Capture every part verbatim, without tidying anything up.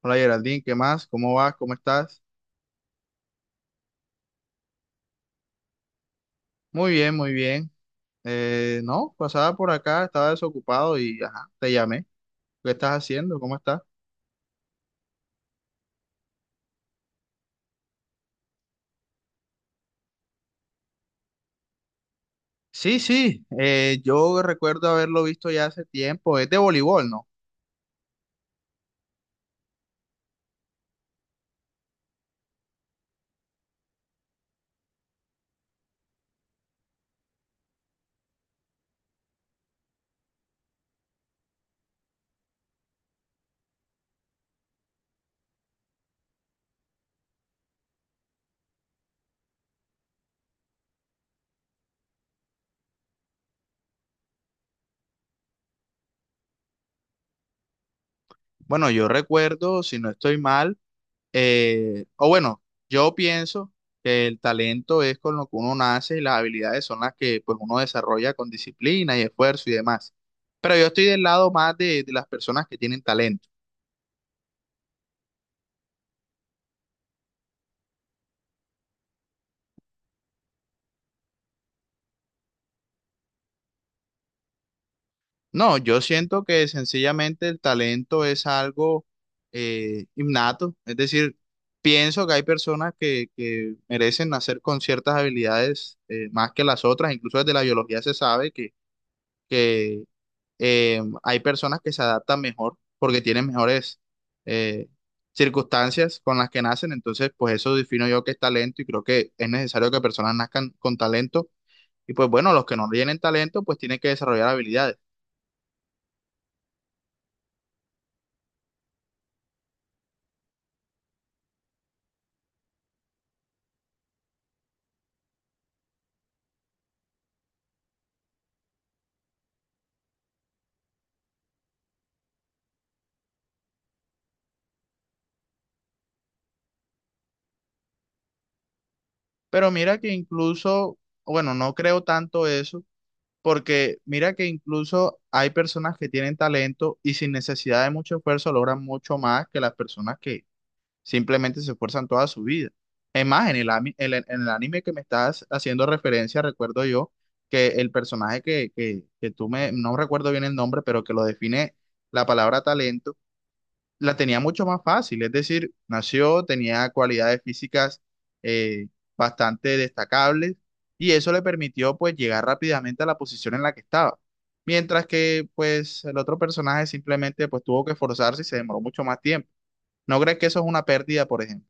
Hola Geraldine, ¿qué más? ¿Cómo vas? ¿Cómo estás? Muy bien, muy bien. Eh, no, pasaba por acá, estaba desocupado y ajá, te llamé. ¿Qué estás haciendo? ¿Cómo estás? Sí, sí, eh, yo recuerdo haberlo visto ya hace tiempo. Es de voleibol, ¿no? Bueno, yo recuerdo, si no estoy mal, eh, o bueno, yo pienso que el talento es con lo que uno nace y las habilidades son las que pues uno desarrolla con disciplina y esfuerzo y demás. Pero yo estoy del lado más de de las personas que tienen talento. No, yo siento que sencillamente el talento es algo eh, innato, es decir, pienso que hay personas que, que merecen nacer con ciertas habilidades eh, más que las otras, incluso desde la biología se sabe que, que eh, hay personas que se adaptan mejor porque tienen mejores eh, circunstancias con las que nacen, entonces pues eso defino yo que es talento y creo que es necesario que personas nazcan con talento y pues bueno, los que no tienen talento pues tienen que desarrollar habilidades. Pero mira que incluso, bueno, no creo tanto eso, porque mira que incluso hay personas que tienen talento y sin necesidad de mucho esfuerzo logran mucho más que las personas que simplemente se esfuerzan toda su vida. Es más, en el, ami- en el- en el anime que me estás haciendo referencia, recuerdo yo que el personaje que, que, que tú me, no recuerdo bien el nombre, pero que lo define la palabra talento la tenía mucho más fácil, es decir, nació, tenía cualidades físicas eh, bastante destacables y eso le permitió pues llegar rápidamente a la posición en la que estaba. Mientras que pues el otro personaje simplemente pues tuvo que esforzarse y se demoró mucho más tiempo. ¿No crees que eso es una pérdida, por ejemplo?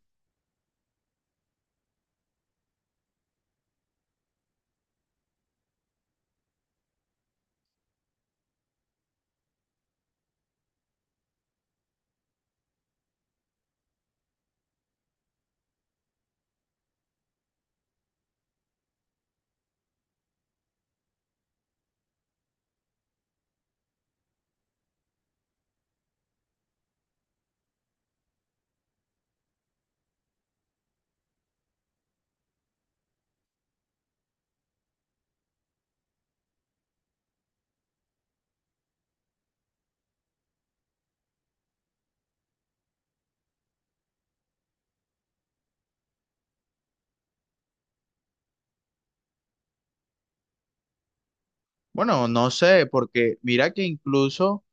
Bueno, no sé, porque mira que incluso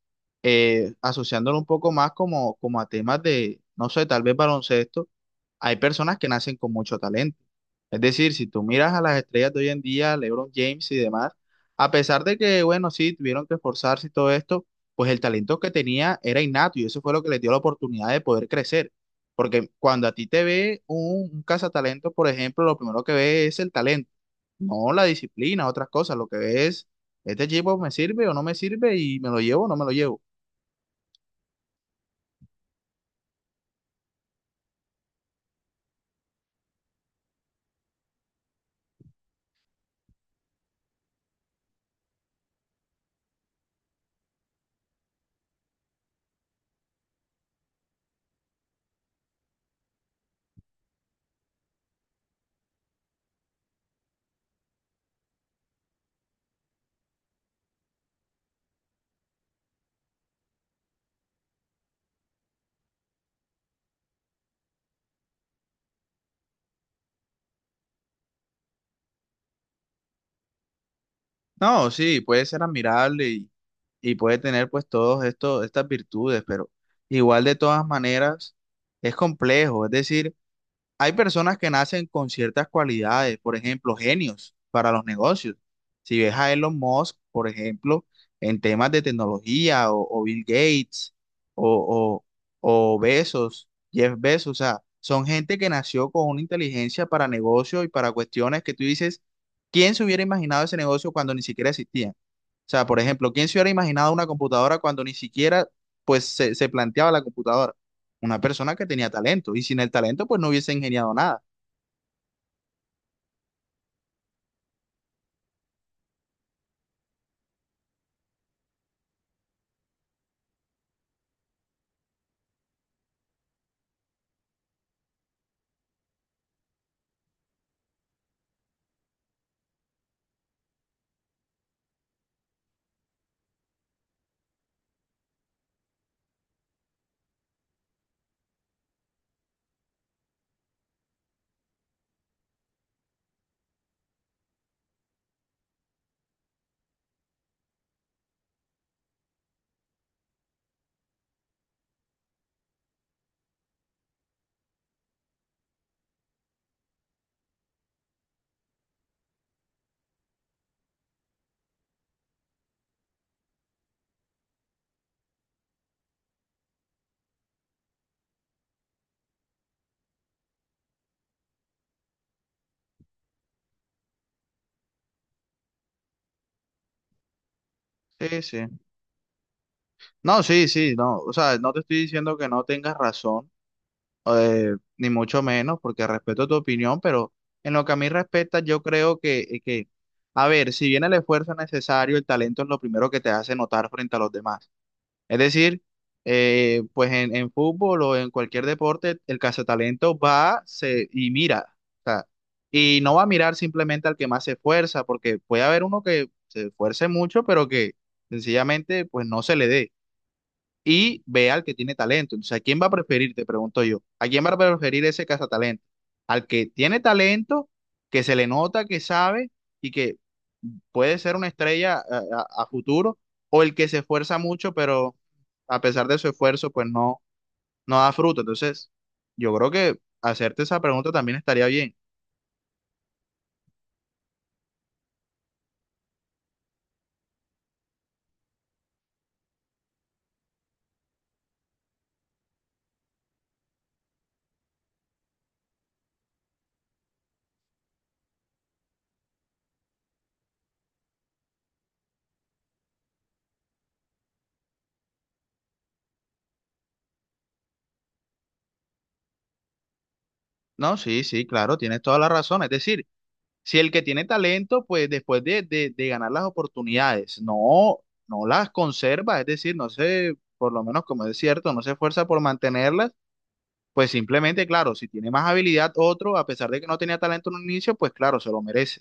eh, asociándolo un poco más como, como a temas de, no sé, tal vez baloncesto, hay personas que nacen con mucho talento. Es decir, si tú miras a las estrellas de hoy en día, LeBron James y demás, a pesar de que, bueno, sí, tuvieron que esforzarse y todo esto, pues el talento que tenía era innato y eso fue lo que les dio la oportunidad de poder crecer. Porque cuando a ti te ve un, un cazatalento, por ejemplo, lo primero que ve es el talento, no la disciplina, otras cosas. Lo que ve es, este equipo me sirve o no me sirve y me lo llevo o no me lo llevo. No, sí, puede ser admirable y, y puede tener pues todos estos, estas virtudes, pero igual de todas maneras es complejo. Es decir, hay personas que nacen con ciertas cualidades, por ejemplo, genios para los negocios. Si ves a Elon Musk, por ejemplo, en temas de tecnología, o, o Bill Gates, o, o, o Bezos, Jeff Bezos, o sea, son gente que nació con una inteligencia para negocios y para cuestiones que tú dices, ¿quién se hubiera imaginado ese negocio cuando ni siquiera existía? O sea, por ejemplo, ¿quién se hubiera imaginado una computadora cuando ni siquiera pues se, se planteaba la computadora? Una persona que tenía talento y sin el talento pues no hubiese ingeniado nada. Sí, sí. No, sí, sí, no. O sea, no te estoy diciendo que no tengas razón, eh, ni mucho menos, porque respeto tu opinión, pero en lo que a mí respecta, yo creo que, eh, que, a ver, si bien el esfuerzo es necesario, el talento es lo primero que te hace notar frente a los demás. Es decir, eh, pues en, en fútbol o en cualquier deporte, el cazatalento va se, y mira. O sea, y no va a mirar simplemente al que más se esfuerza, porque puede haber uno que se esfuerce mucho, pero que sencillamente pues no se le dé y ve al que tiene talento. Entonces, ¿a quién va a preferir? Te pregunto yo. ¿A quién va a preferir ese cazatalento? Al que tiene talento, que se le nota, que sabe y que puede ser una estrella a, a- a futuro, o el que se esfuerza mucho, pero a pesar de su esfuerzo, pues no no da fruto. Entonces, yo creo que hacerte esa pregunta también estaría bien. No, sí, sí, claro, tienes toda la razón. Es decir, si el que tiene talento, pues después de, de, de ganar las oportunidades, no, no las conserva, es decir, no sé, por lo menos como es cierto, no se esfuerza por mantenerlas. Pues simplemente, claro, si tiene más habilidad otro, a pesar de que no tenía talento en un inicio, pues claro, se lo merece.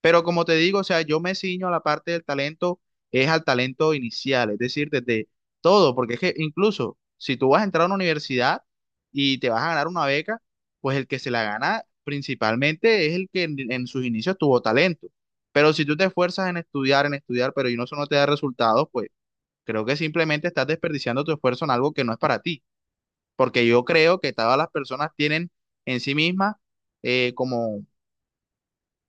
Pero como te digo, o sea, yo me ciño a la parte del talento, es al talento inicial, es decir, desde todo, porque es que incluso si tú vas a entrar a una universidad y te vas a ganar una beca, pues el que se la gana principalmente es el que en, en sus inicios tuvo talento. Pero si tú te esfuerzas en estudiar, en estudiar, pero y no, eso no te da resultados, pues creo que simplemente estás desperdiciando tu esfuerzo en algo que no es para ti porque yo creo que todas las personas tienen en sí mismas eh, como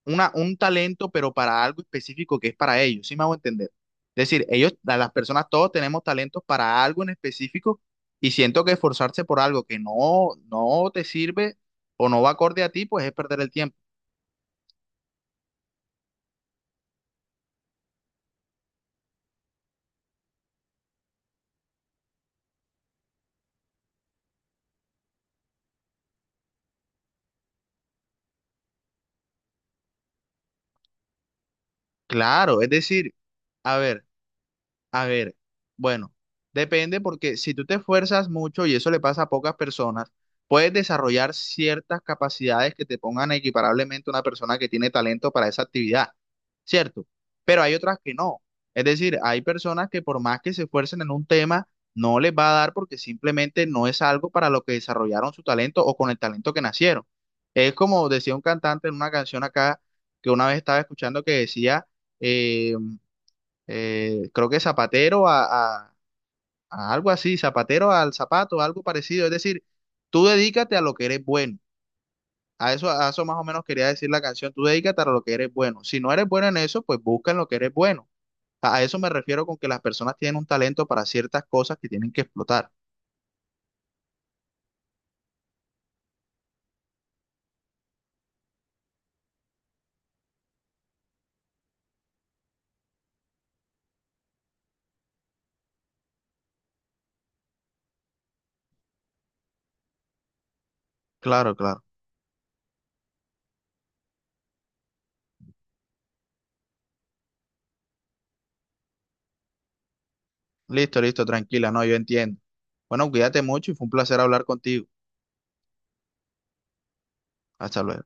una, un talento, pero para algo específico que es para ellos, ¿sí me hago entender? Es decir, ellos, la- las personas todos tenemos talentos para algo en específico y siento que esforzarse por algo que no, no te sirve o no va acorde a ti, pues es perder el tiempo. Claro, es decir, a ver. A ver, bueno, depende porque si tú te esfuerzas mucho, y eso le pasa a pocas personas, puedes desarrollar ciertas capacidades que te pongan equiparablemente a una persona que tiene talento para esa actividad, ¿cierto? Pero hay otras que no. Es decir, hay personas que por más que se esfuercen en un tema, no les va a dar porque simplemente no es algo para lo que desarrollaron su talento o con el talento que nacieron. Es como decía un cantante en una canción acá que una vez estaba escuchando que decía... eh, eh, creo que zapatero a, a- a algo así, zapatero al zapato, algo parecido. Es decir, tú dedícate a lo que eres bueno. A eso, a eso más o menos quería decir la canción, tú dedícate a lo que eres bueno. Si no eres bueno en eso, pues busca en lo que eres bueno. A, a eso me refiero con que las personas tienen un talento para ciertas cosas que tienen que explotar. Claro, claro. Listo, listo, tranquila, no, yo entiendo. Bueno, cuídate mucho y fue un placer hablar contigo. Hasta luego.